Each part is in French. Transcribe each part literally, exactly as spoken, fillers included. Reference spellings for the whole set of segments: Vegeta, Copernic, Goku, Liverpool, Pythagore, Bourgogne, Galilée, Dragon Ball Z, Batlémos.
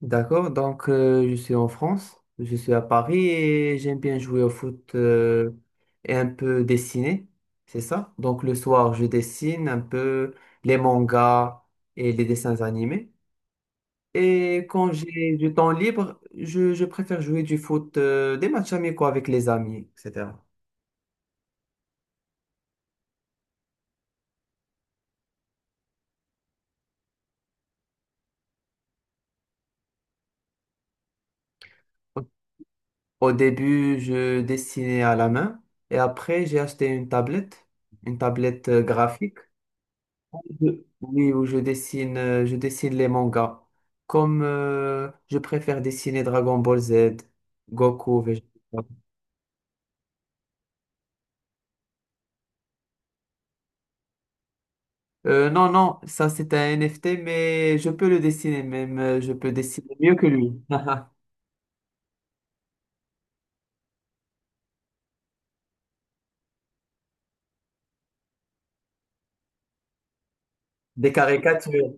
D'accord, donc euh, je suis en France, je suis à Paris et j'aime bien jouer au foot, euh, et un peu dessiner, c'est ça? Donc le soir, je dessine un peu les mangas et les dessins animés. Et quand j'ai du temps libre, je, je préfère jouer du foot, euh, des matchs amicaux avec les amis, et cetera. Au au début, je dessinais à la main et après, j'ai acheté une tablette, une tablette euh, graphique. Je- Oui, où je dessine, euh, je dessine les mangas. Comme euh, Je préfère dessiner Dragon Ball Z, Goku, Vegeta. Euh, non, non, ça c'est un N F T, mais je peux le dessiner même. euh, Je peux dessiner mieux que lui. Des caricatures.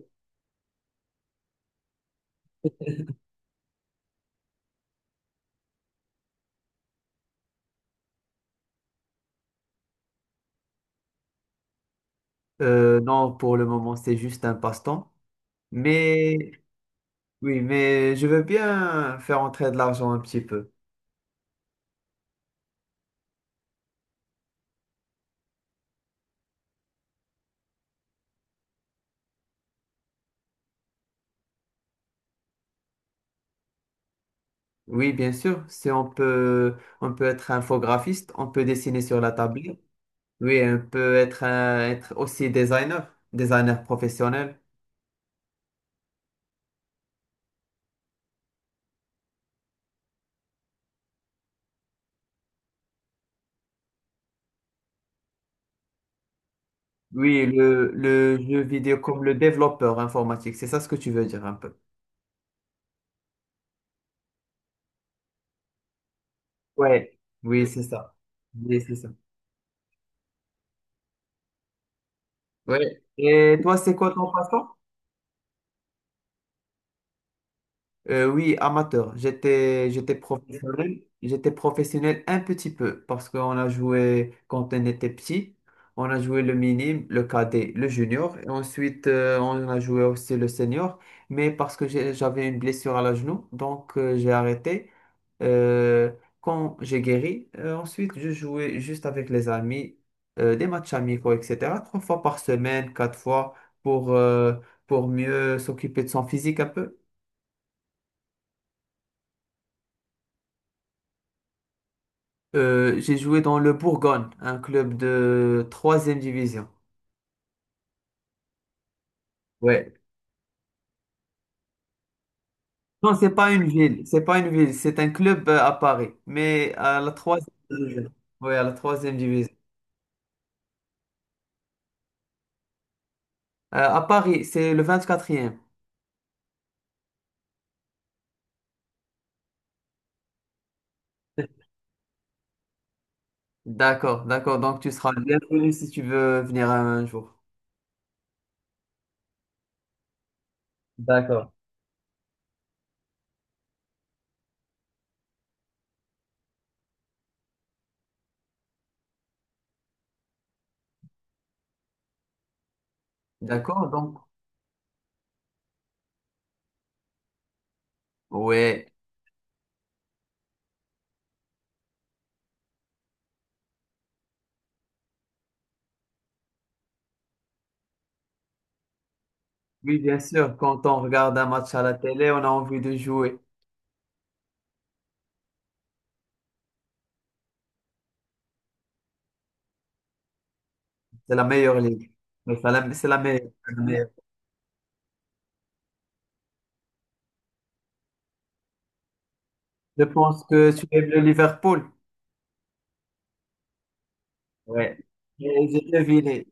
Euh, non, pour le moment, c'est juste un passe-temps. Mais oui, mais je veux bien faire entrer de l'argent un petit peu. Oui, bien sûr. Si on peut, on peut être infographiste, on peut dessiner sur la table. Oui, on peut être, un- être aussi designer, designer professionnel. Oui, le, le jeu vidéo comme le développeur informatique, c'est ça ce que tu veux dire un peu. Ouais, oui, c'est ça. Oui, c'est ça. Ouais. Et toi, c'est quoi ton passé? Euh, oui, amateur. J'étais, j'étais professionnel. J'étais professionnel un petit peu parce qu'on a joué quand on était petit. On a joué le minime, le cadet, le junior. Et ensuite, euh, on a joué aussi le senior. Mais parce que j'ai- j'avais une blessure à la genou, donc euh, j'ai arrêté. Euh, quand j'ai guéri, euh, ensuite, je jouais juste avec les amis, euh, des matchs amicaux, et cetera. Trois fois par semaine, quatre fois pour, euh, pour mieux s'occuper de son physique un peu. Euh, j'ai joué dans le Bourgogne, un club de troisième division. Ouais. Non, c'est pas une ville, c'est pas une ville, c'est un club euh, à Paris, mais à la troisième division. Oui, à la troisième division. Euh, à Paris, c'est le vingt-quatrième. D'accord, d'accord. Donc tu seras bienvenu si tu veux venir un jour. D'accord. D'accord, donc. Ouais. Oui, bien sûr, quand on regarde un match à la télé, on a envie de jouer. C'est la meilleure ligue. Mais C'est la, c'est la meilleure, c'est la meilleure. Je pense que tu aimes le Liverpool. Ouais. Et j'ai deviné.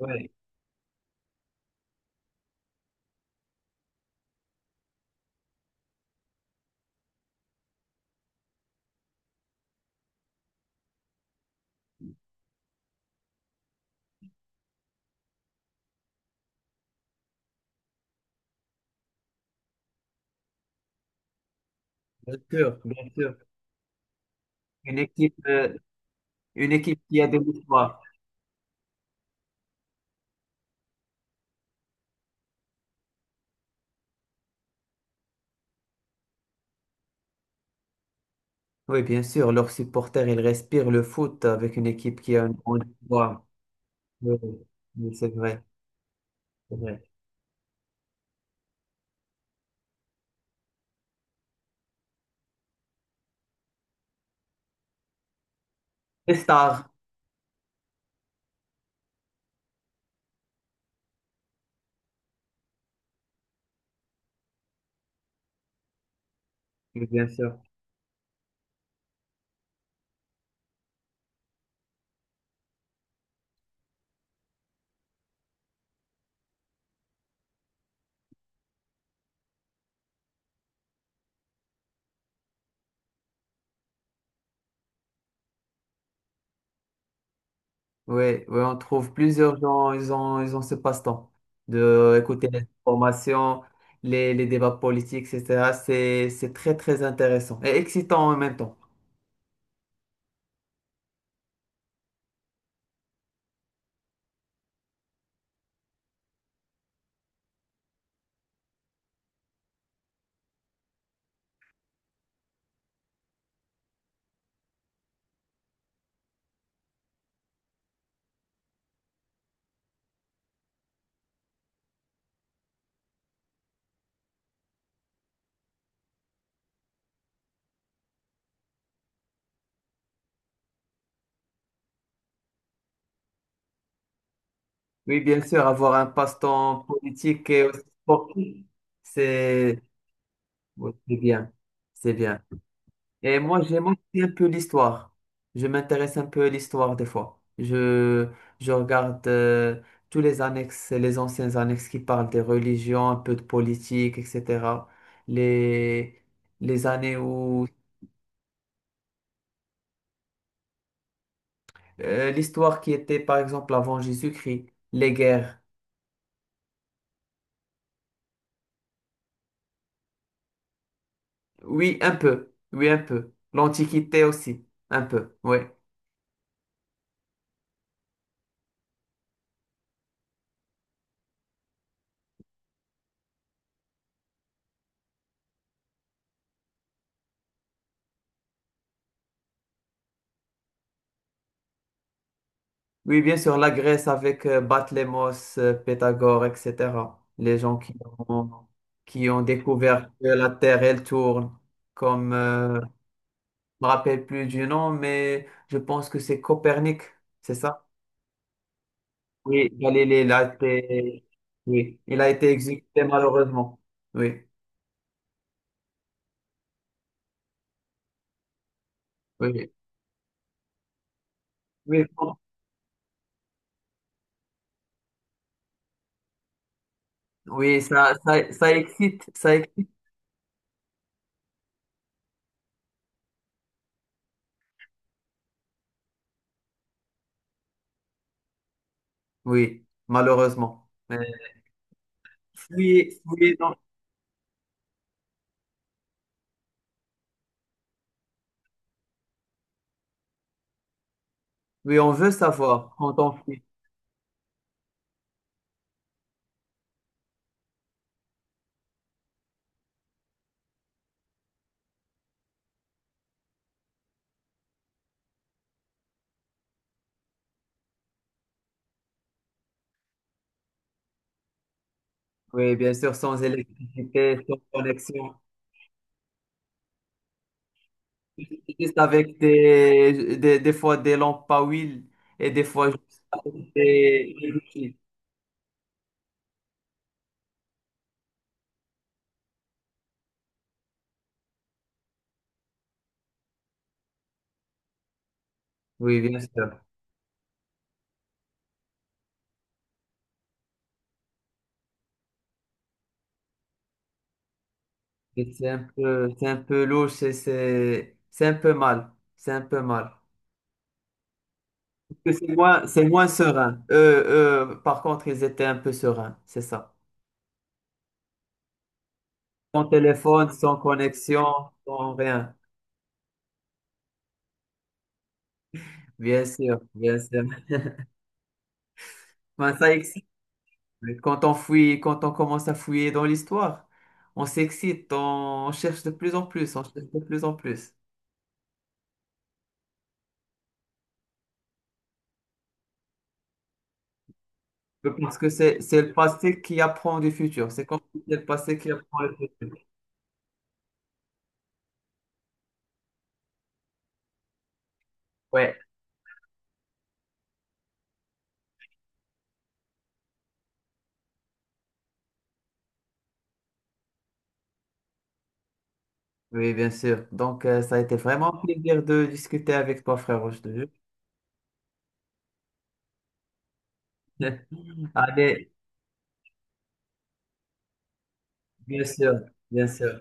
Oui, bien sûr, bien sûr. Une équipe, euh, une équipe qui a de l'histoire. Oui, bien sûr. Leurs supporters, ils respirent le foot avec une équipe qui a une grande histoire. Oui, oui, oui, c'est vrai, c'est vrai. Les stars, oui, bien sûr. Oui, oui, on trouve plusieurs gens, ils ont, ils ont ce passe-temps de écouter les informations, les, les débats politiques, et cetera. C'est, c'est très, très intéressant et excitant en même temps. Oui, bien sûr, avoir un passe-temps politique et aussi sportif, c'est oui, c'est bien, c'est bien. Et moi, j'aime aussi un peu l'histoire. Je m'intéresse un peu à l'histoire des fois. Je, je regarde euh, tous les annexes, les anciens annexes qui parlent des religions, un peu de politique, et cetera. Les, les années où euh, l'histoire qui était, par exemple, avant Jésus-Christ, les guerres. Oui, un peu, oui, un peu. L'Antiquité aussi, un peu, oui. Oui, bien sûr, la Grèce avec euh, Batlémos, euh, Pythagore, et cetera. Les gens qui ont, qui ont découvert que la Terre, elle tourne, comme, euh, je me rappelle plus du nom, mais je pense que c'est Copernic, c'est ça? Oui, Galilée, il a été, oui, il a été exécuté malheureusement. Oui, oui, oui, bon. Oui, ça, ça, ça excite, ça excite, oui, malheureusement. Mais- oui, oui, non. Oui, on veut savoir quand on fait. Oui, bien sûr, sans électricité, sans connexion. Juste avec des, des, des fois des lampes à huile et des fois juste des... des bougies. Oui, bien sûr. Et c'est un peu, c'est un peu louche et c'est c'est un peu mal. C'est un peu mal. Parce que C'est moins, c'est moins serein. Eux, eux, par contre, ils étaient un peu sereins, c'est ça. Sans téléphone, sans connexion, sans rien. Bien sûr, bien sûr. Enfin, ça, ex- Mais quand on fouille, quand on commence à fouiller dans l'histoire, on s'excite, on cherche de plus en plus, on cherche de plus en plus. Parce que c'est, c'est le passé qui apprend du futur. C'est comme si c'est le passé qui apprend le futur. Ouais, oui, bien sûr. Donc, euh, ça a été vraiment un plaisir de discuter avec toi, frère, je te jure. Allez, bien sûr, bien sûr.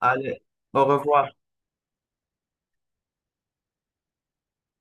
Allez, au revoir.